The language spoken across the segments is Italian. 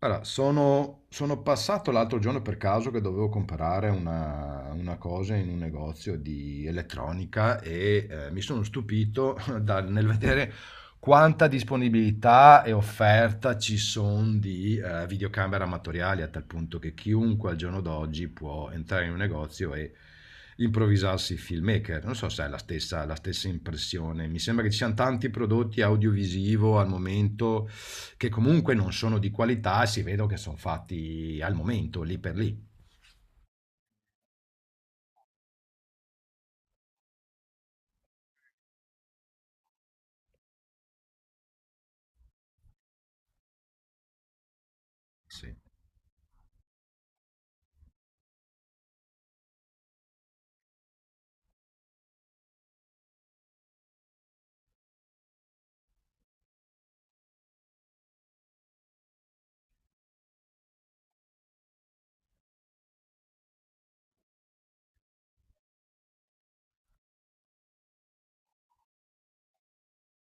Allora, sono passato l'altro giorno per caso che dovevo comprare una cosa in un negozio di elettronica e mi sono stupito nel vedere quanta disponibilità e offerta ci sono di videocamere amatoriali, a tal punto che chiunque al giorno d'oggi può entrare in un negozio e improvvisarsi filmmaker. Non so se è la stessa impressione. Mi sembra che ci siano tanti prodotti audiovisivo al momento che comunque non sono di qualità, si vedono che sono fatti al momento, lì per lì. Sì.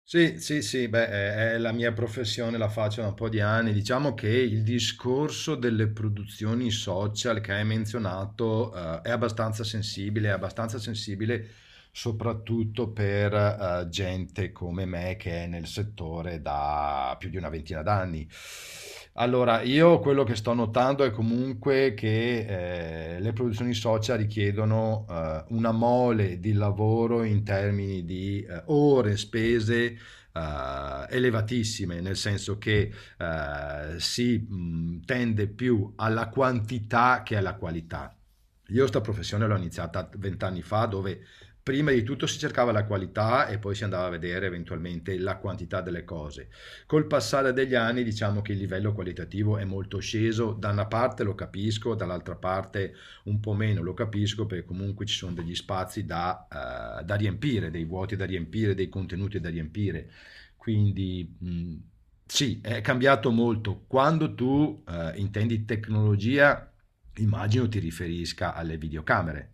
Sì, sì, sì, beh, è la mia professione, la faccio da un po' di anni. Diciamo che il discorso delle produzioni social che hai menzionato, è abbastanza sensibile soprattutto per, gente come me che è nel settore da più di una ventina d'anni. Allora, io quello che sto notando è comunque che le produzioni social richiedono una mole di lavoro in termini di ore spese elevatissime, nel senso che si tende più alla quantità che alla qualità. Io sta professione l'ho iniziata vent'anni fa, dove prima di tutto si cercava la qualità e poi si andava a vedere eventualmente la quantità delle cose. Col passare degli anni diciamo che il livello qualitativo è molto sceso, da una parte lo capisco, dall'altra parte un po' meno lo capisco perché comunque ci sono degli spazi da, da riempire, dei vuoti da riempire, dei contenuti da riempire quindi, sì, è cambiato molto. Quando tu, intendi tecnologia, immagino ti riferisca alle videocamere.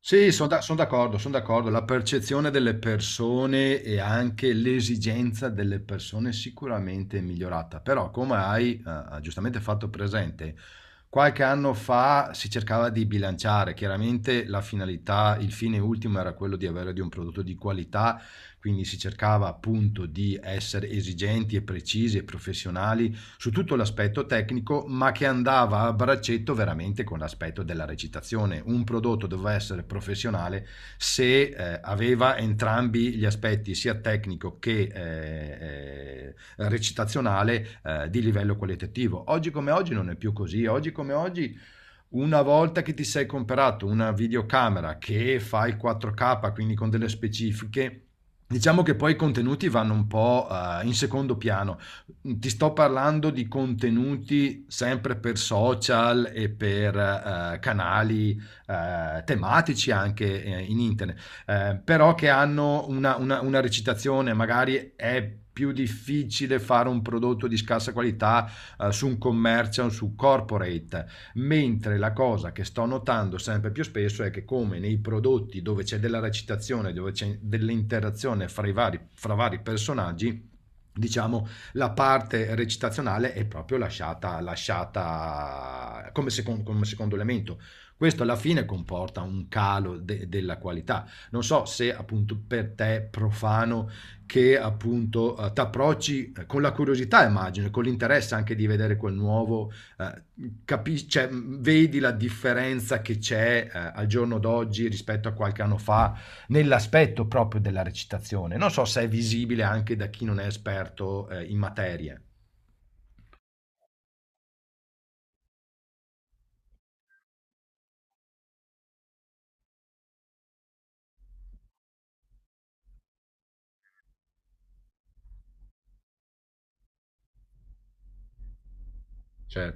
Sì, sono d'accordo, sono d'accordo. La percezione delle persone e anche l'esigenza delle persone sicuramente è migliorata, però come hai giustamente fatto presente, qualche anno fa si cercava di bilanciare, chiaramente la finalità, il fine ultimo era quello di avere di un prodotto di qualità, quindi si cercava appunto di essere esigenti e precisi e professionali su tutto l'aspetto tecnico, ma che andava a braccetto veramente con l'aspetto della recitazione. Un prodotto doveva essere professionale se aveva entrambi gli aspetti, sia tecnico che recitazionale, di livello qualitativo. Oggi come oggi non è più così, oggi come oggi una volta che ti sei comperato una videocamera che fa il 4K, quindi con delle specifiche, diciamo che poi i contenuti vanno un po' in secondo piano. Ti sto parlando di contenuti sempre per social e per canali tematici anche in internet, però che hanno una recitazione, magari è più difficile fare un prodotto di scarsa qualità su un commercial, su corporate, mentre la cosa che sto notando sempre più spesso è che come nei prodotti dove c'è della recitazione, dove c'è dell'interazione fra vari personaggi, diciamo la parte recitazionale è proprio lasciata come secondo elemento. Questo alla fine comporta un calo della qualità. Non so se appunto per te profano che appunto ti approcci con la curiosità, immagino, e con l'interesse anche di vedere quel nuovo, eh, capisci, cioè, vedi la differenza che c'è, al giorno d'oggi rispetto a qualche anno fa, nell'aspetto proprio della recitazione. Non so se è visibile anche da chi non è esperto, in materia. Cioè.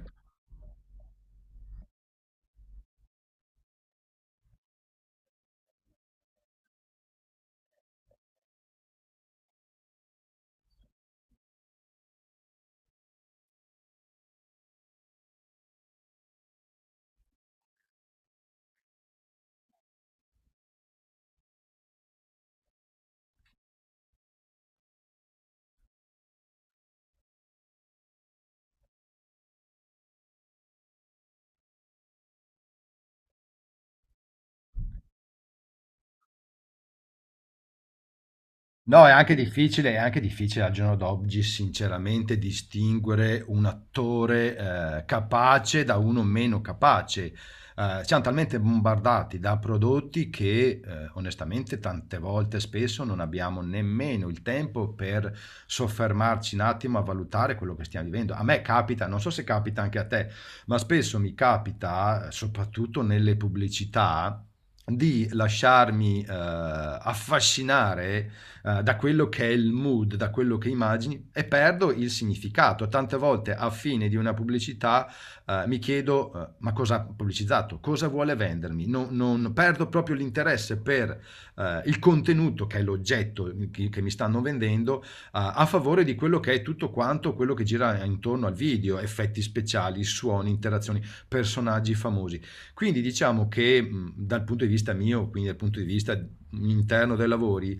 No, è anche difficile al giorno d'oggi sinceramente distinguere un attore capace da uno meno capace. Siamo talmente bombardati da prodotti che onestamente tante volte spesso non abbiamo nemmeno il tempo per soffermarci un attimo a valutare quello che stiamo vivendo. A me capita, non so se capita anche a te, ma spesso mi capita, soprattutto nelle pubblicità, di lasciarmi affascinare da quello che è il mood, da quello che immagini e perdo il significato. Tante volte a fine di una pubblicità mi chiedo ma cosa ha pubblicizzato, cosa vuole vendermi, non perdo proprio l'interesse per il contenuto che è l'oggetto che mi stanno vendendo a favore di quello che è tutto quanto quello che gira intorno al video, effetti speciali, suoni, interazioni, personaggi famosi. Quindi diciamo che dal punto di vista mio, quindi dal punto di vista interno dei lavori,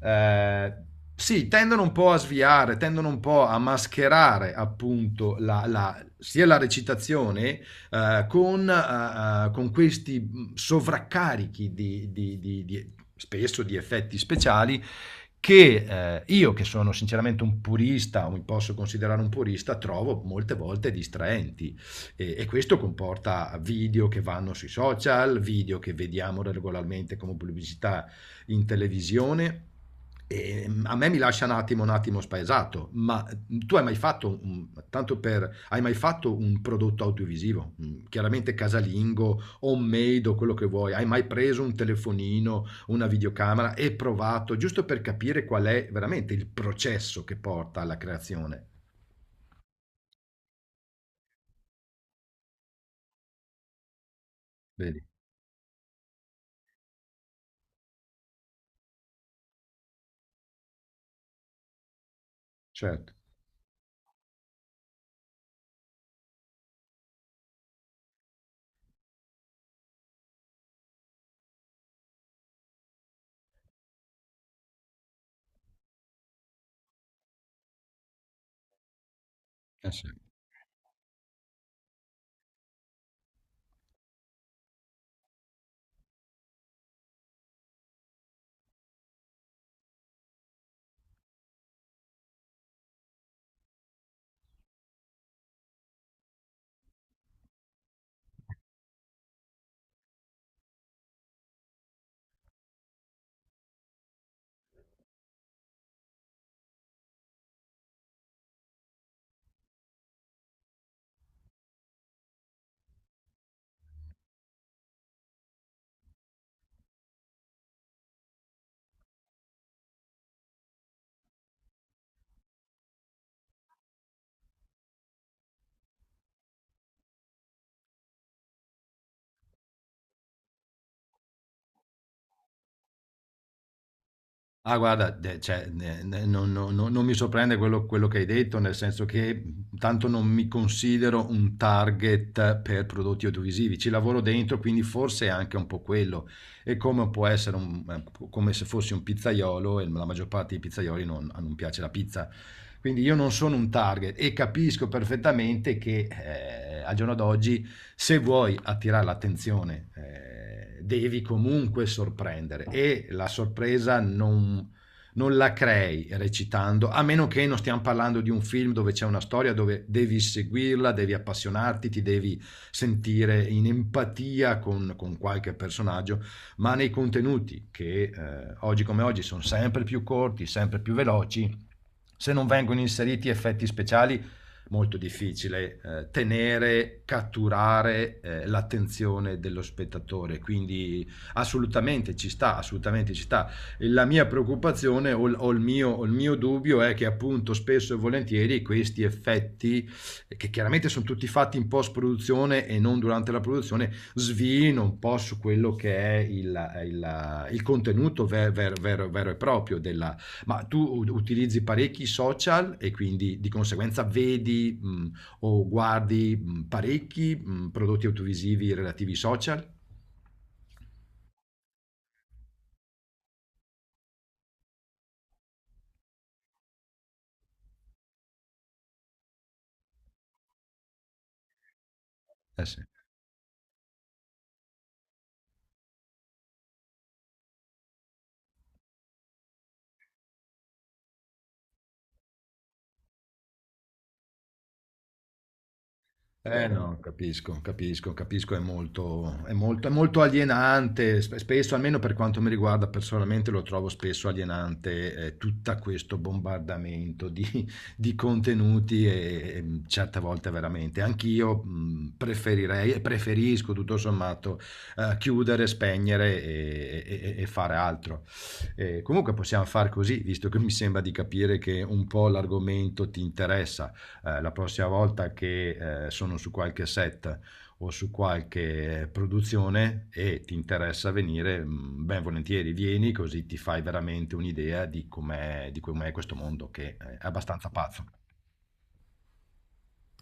eh, sì, tendono un po' a sviare, tendono un po' a mascherare appunto sia la recitazione con questi sovraccarichi spesso di effetti speciali che io, che sono sinceramente un purista, o mi posso considerare un purista, trovo molte volte distraenti. E questo comporta video che vanno sui social, video che vediamo regolarmente come pubblicità in televisione e a me mi lascia un attimo spaesato, ma tu hai mai fatto, tanto per, hai mai fatto un prodotto audiovisivo, chiaramente casalingo, homemade o quello che vuoi, hai mai preso un telefonino, una videocamera e provato, giusto per capire qual è veramente il processo che porta alla creazione? Vedi, certo. Eh sì. Ah guarda, de cioè, ne ne non mi sorprende quello che hai detto, nel senso che, tanto non mi considero un target per prodotti audiovisivi. Ci lavoro dentro, quindi forse è anche un po' quello e come può essere come se fossi un pizzaiolo e la maggior parte dei pizzaioli non piace la pizza. Quindi io non sono un target e capisco perfettamente che al giorno d'oggi se vuoi attirare l'attenzione devi comunque sorprendere e la sorpresa non la crei recitando, a meno che non stiamo parlando di un film dove c'è una storia dove devi seguirla, devi appassionarti, ti devi sentire in empatia con qualche personaggio, ma nei contenuti che oggi come oggi sono sempre più corti, sempre più veloci, se non vengono inseriti effetti speciali, molto difficile tenere, catturare l'attenzione dello spettatore, quindi assolutamente ci sta, assolutamente ci sta. E la mia preoccupazione il mio dubbio è che appunto spesso e volentieri questi effetti, che chiaramente sono tutti fatti in post produzione e non durante la produzione, svino un po' su quello che è il contenuto vero e proprio della... Ma tu utilizzi parecchi social e quindi di conseguenza vedi o guardi parecchi prodotti audiovisivi relativi ai social? Eh sì. Eh no, capisco, capisco, capisco, è molto, è molto, è molto alienante, spesso, almeno per quanto mi riguarda personalmente, lo trovo spesso alienante tutto questo bombardamento di, di contenuti certe volte veramente. Anch'io preferirei e preferisco tutto sommato chiudere, spegnere e fare altro. Comunque possiamo far così, visto che mi sembra di capire che un po' l'argomento ti interessa la prossima volta che sono su qualche set o su qualche produzione e ti interessa venire, ben volentieri vieni, così ti fai veramente un'idea di com'è questo mondo che è abbastanza pazzo.